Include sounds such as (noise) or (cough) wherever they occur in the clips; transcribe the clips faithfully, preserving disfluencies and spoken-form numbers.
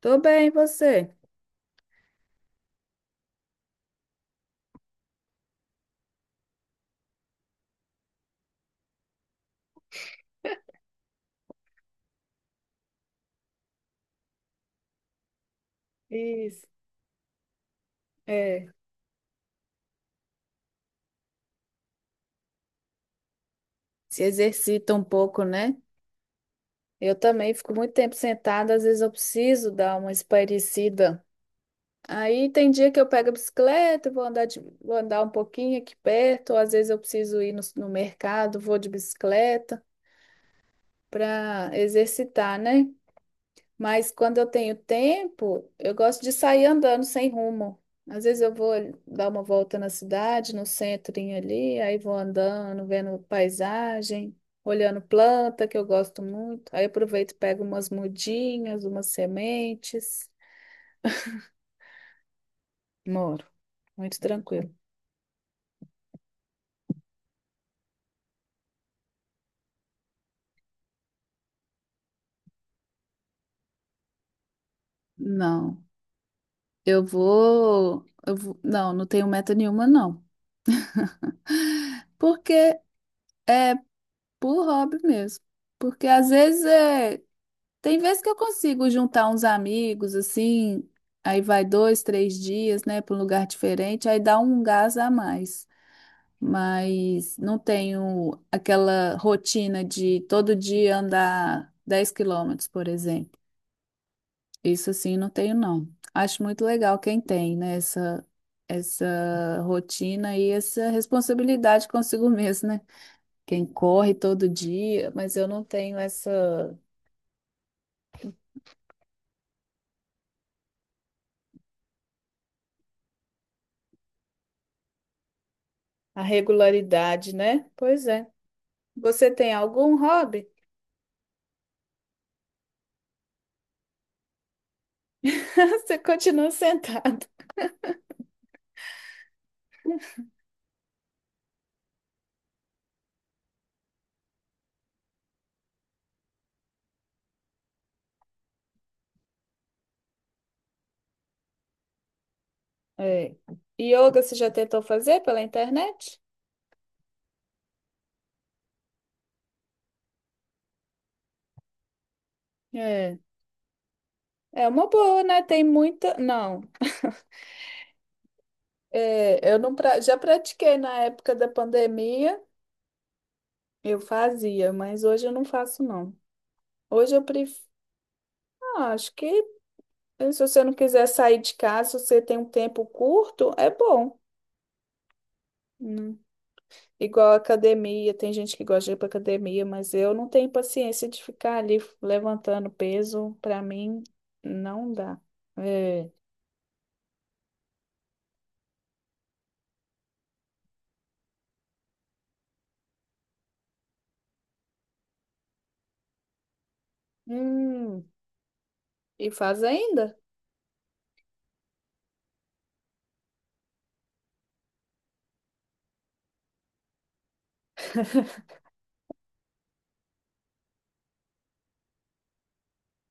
Tô bem, e você? Isso, é. Se exercita um pouco, né? Eu também fico muito tempo sentada, às vezes eu preciso dar uma espairecida. Aí tem dia que eu pego a bicicleta, vou andar, de- vou andar um pouquinho aqui perto, ou às vezes eu preciso ir no, no mercado, vou de bicicleta para exercitar, né? Mas quando eu tenho tempo, eu gosto de sair andando sem rumo. Às vezes eu vou dar uma volta na cidade, no centrinho ali, aí vou andando, vendo paisagem, olhando planta, que eu gosto muito. Aí aproveito e pego umas mudinhas, umas sementes. Moro, muito tranquilo. Não, eu vou, eu vou, não, não tenho meta nenhuma, não. Porque, por hobby mesmo. Porque às vezes é Tem vezes que eu consigo juntar uns amigos, assim, aí vai dois, três dias, né, para um lugar diferente, aí dá um gás a mais. Mas não tenho aquela rotina de todo dia andar dez quilômetros, por exemplo. Isso assim não tenho, não. Acho muito legal quem tem, né, essa, essa rotina e essa responsabilidade consigo mesmo, né? Quem corre todo dia, mas eu não tenho essa a regularidade, né? Pois é. Você tem algum hobby? (laughs) Você continua sentado. É. Yoga você já tentou fazer pela internet? É. É uma boa, né? Tem muita. Não. É, eu não pra... já pratiquei na época da pandemia, eu fazia, mas hoje eu não faço, não. Hoje eu prefiro. Ah, acho que se você não quiser sair de casa, se você tem um tempo curto, é bom. Hum. Igual academia, tem gente que gosta de ir para academia, mas eu não tenho paciência de ficar ali levantando peso. Para mim, não dá. É. Hum, e faz ainda?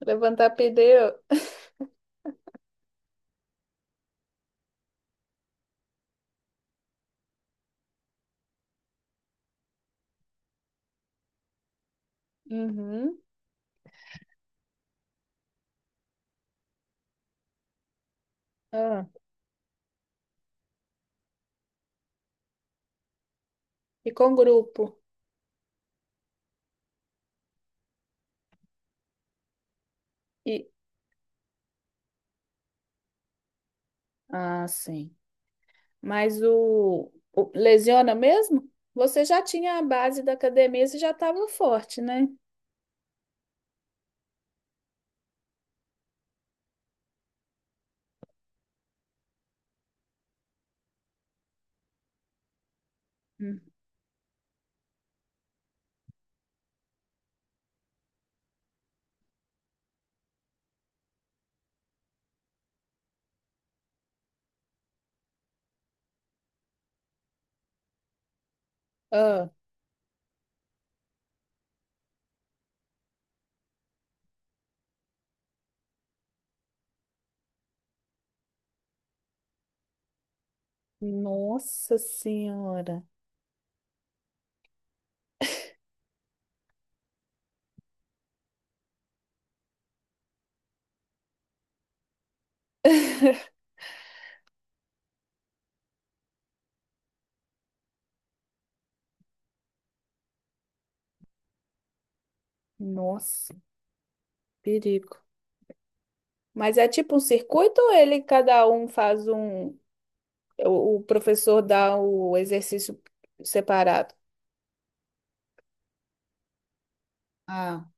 Levantar pneu. Uhum. Ah, e com grupo. E... Ah, sim. Mas o... o lesiona mesmo? Você já tinha a base da academia, você já estava forte, né? Hum. Ah, nossa senhora. (laughs) Nossa, perigo. Mas é tipo um circuito ou ele, cada um faz um. O, o professor dá o exercício separado? Ah,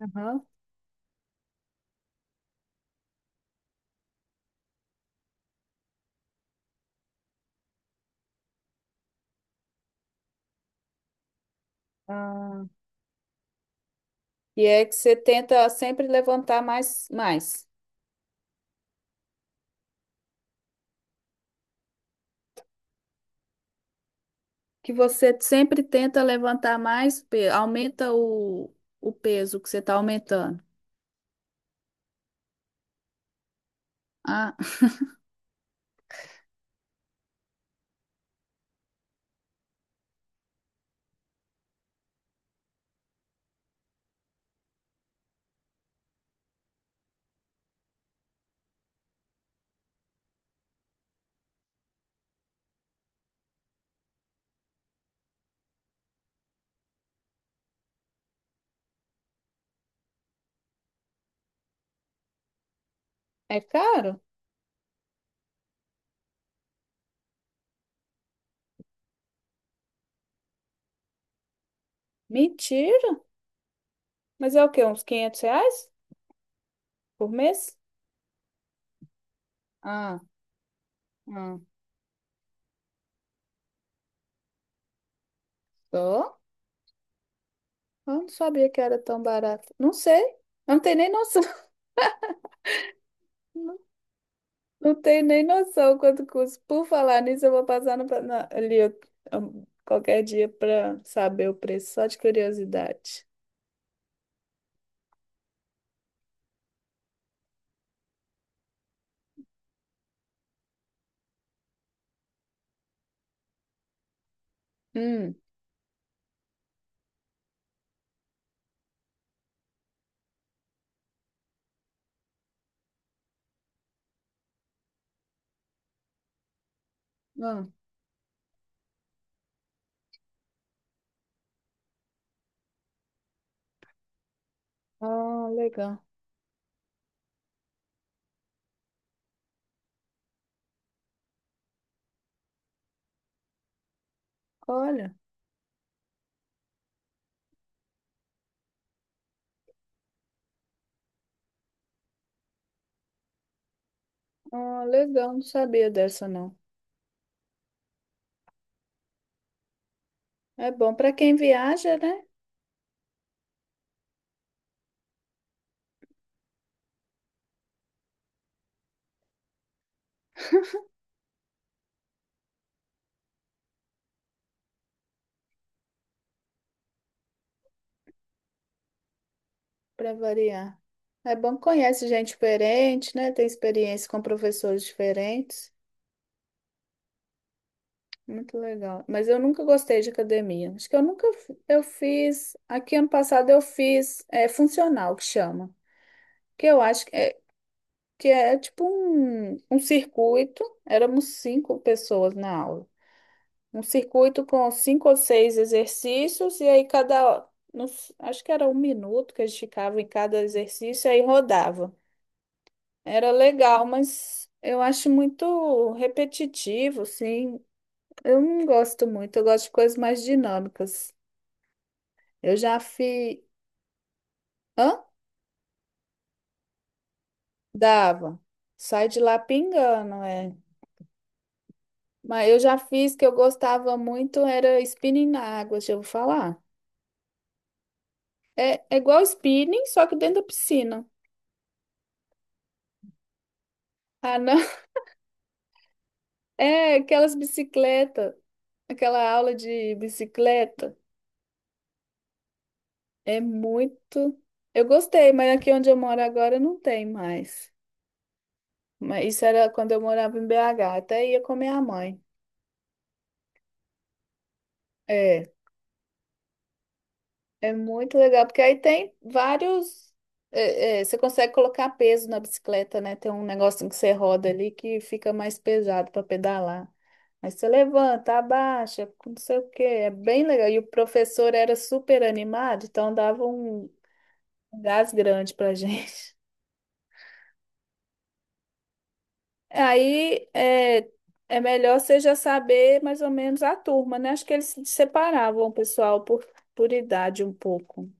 aham. Ah, e é que você tenta sempre levantar mais, mais. Que você sempre tenta levantar mais peso, aumenta o, o peso que você está aumentando. Ah, é caro? Mentira! Mas é o quê? Uns quinhentos reais por mês? Ah, ah. Só? Eu não sabia que era tão barato. Não sei. Eu não tenho nem noção. (laughs) Não tem nem noção quanto custa. Por falar nisso, eu vou passar no, na- ali um, qualquer dia para saber o preço, só de curiosidade. Hum, ah, ah, legal. Olha, ah, legal, não sabia dessa não. É bom para quem viaja, né? Para variar. É bom que conhece gente diferente, né? Tem experiência com professores diferentes. Muito legal. Mas eu nunca gostei de academia. Acho que eu nunca f- eu fiz. Aqui ano passado eu fiz é funcional que chama. Que eu acho que é, que é tipo um, um circuito, éramos cinco pessoas na aula. Um circuito com cinco ou seis exercícios, e aí cada, nos- acho que era um minuto que a gente ficava em cada exercício, aí rodava. Era legal, mas eu acho muito repetitivo, assim. Eu não gosto muito, eu gosto de coisas mais dinâmicas. Eu já fiz. Hã? Dava. Sai de lá pingando, é. Mas eu já fiz que eu gostava muito, era spinning na água, deixa eu falar. É, é igual spinning, só que dentro da piscina. Ah, não. (laughs) É aquelas bicicletas, aquela aula de bicicleta. É muito. Eu gostei, mas aqui onde eu moro agora não tem mais. Mas isso era quando eu morava em B H, até ia com minha mãe. É. É muito legal, porque aí tem vários. é, é, você consegue colocar peso na bicicleta, né? Tem um negocinho que você roda ali que fica mais pesado para pedalar. Aí você levanta, abaixa, não sei o quê. É bem legal. E o professor era super animado, então dava um um gás grande pra (laughs) gente. Aí é, é melhor você já saber mais ou menos a turma, né? Acho que eles separavam o pessoal por, por idade um pouco.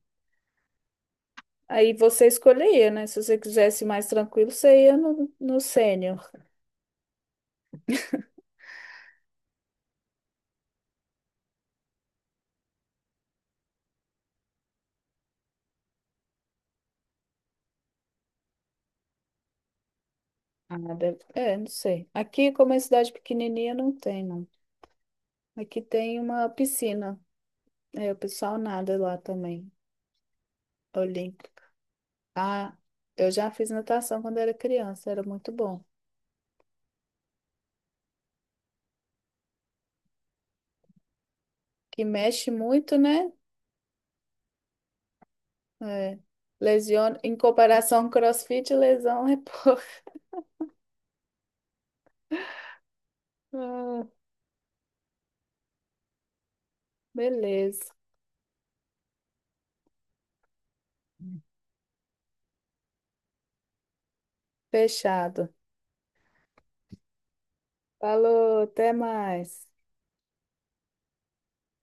Aí você escolheria, né? Se você quisesse mais tranquilo, você ia no, no sênior. Ah, deve- é, não sei. Aqui, como é cidade pequenininha, não tem, não. Aqui tem uma piscina. É, o pessoal nada lá também. Olímpico. Ah, eu já fiz natação quando era criança, era muito bom. Que mexe muito, né? É, lesiona, em comparação com CrossFit, lesão é pouco. (laughs) Ah, beleza, fechado. Falou, até mais.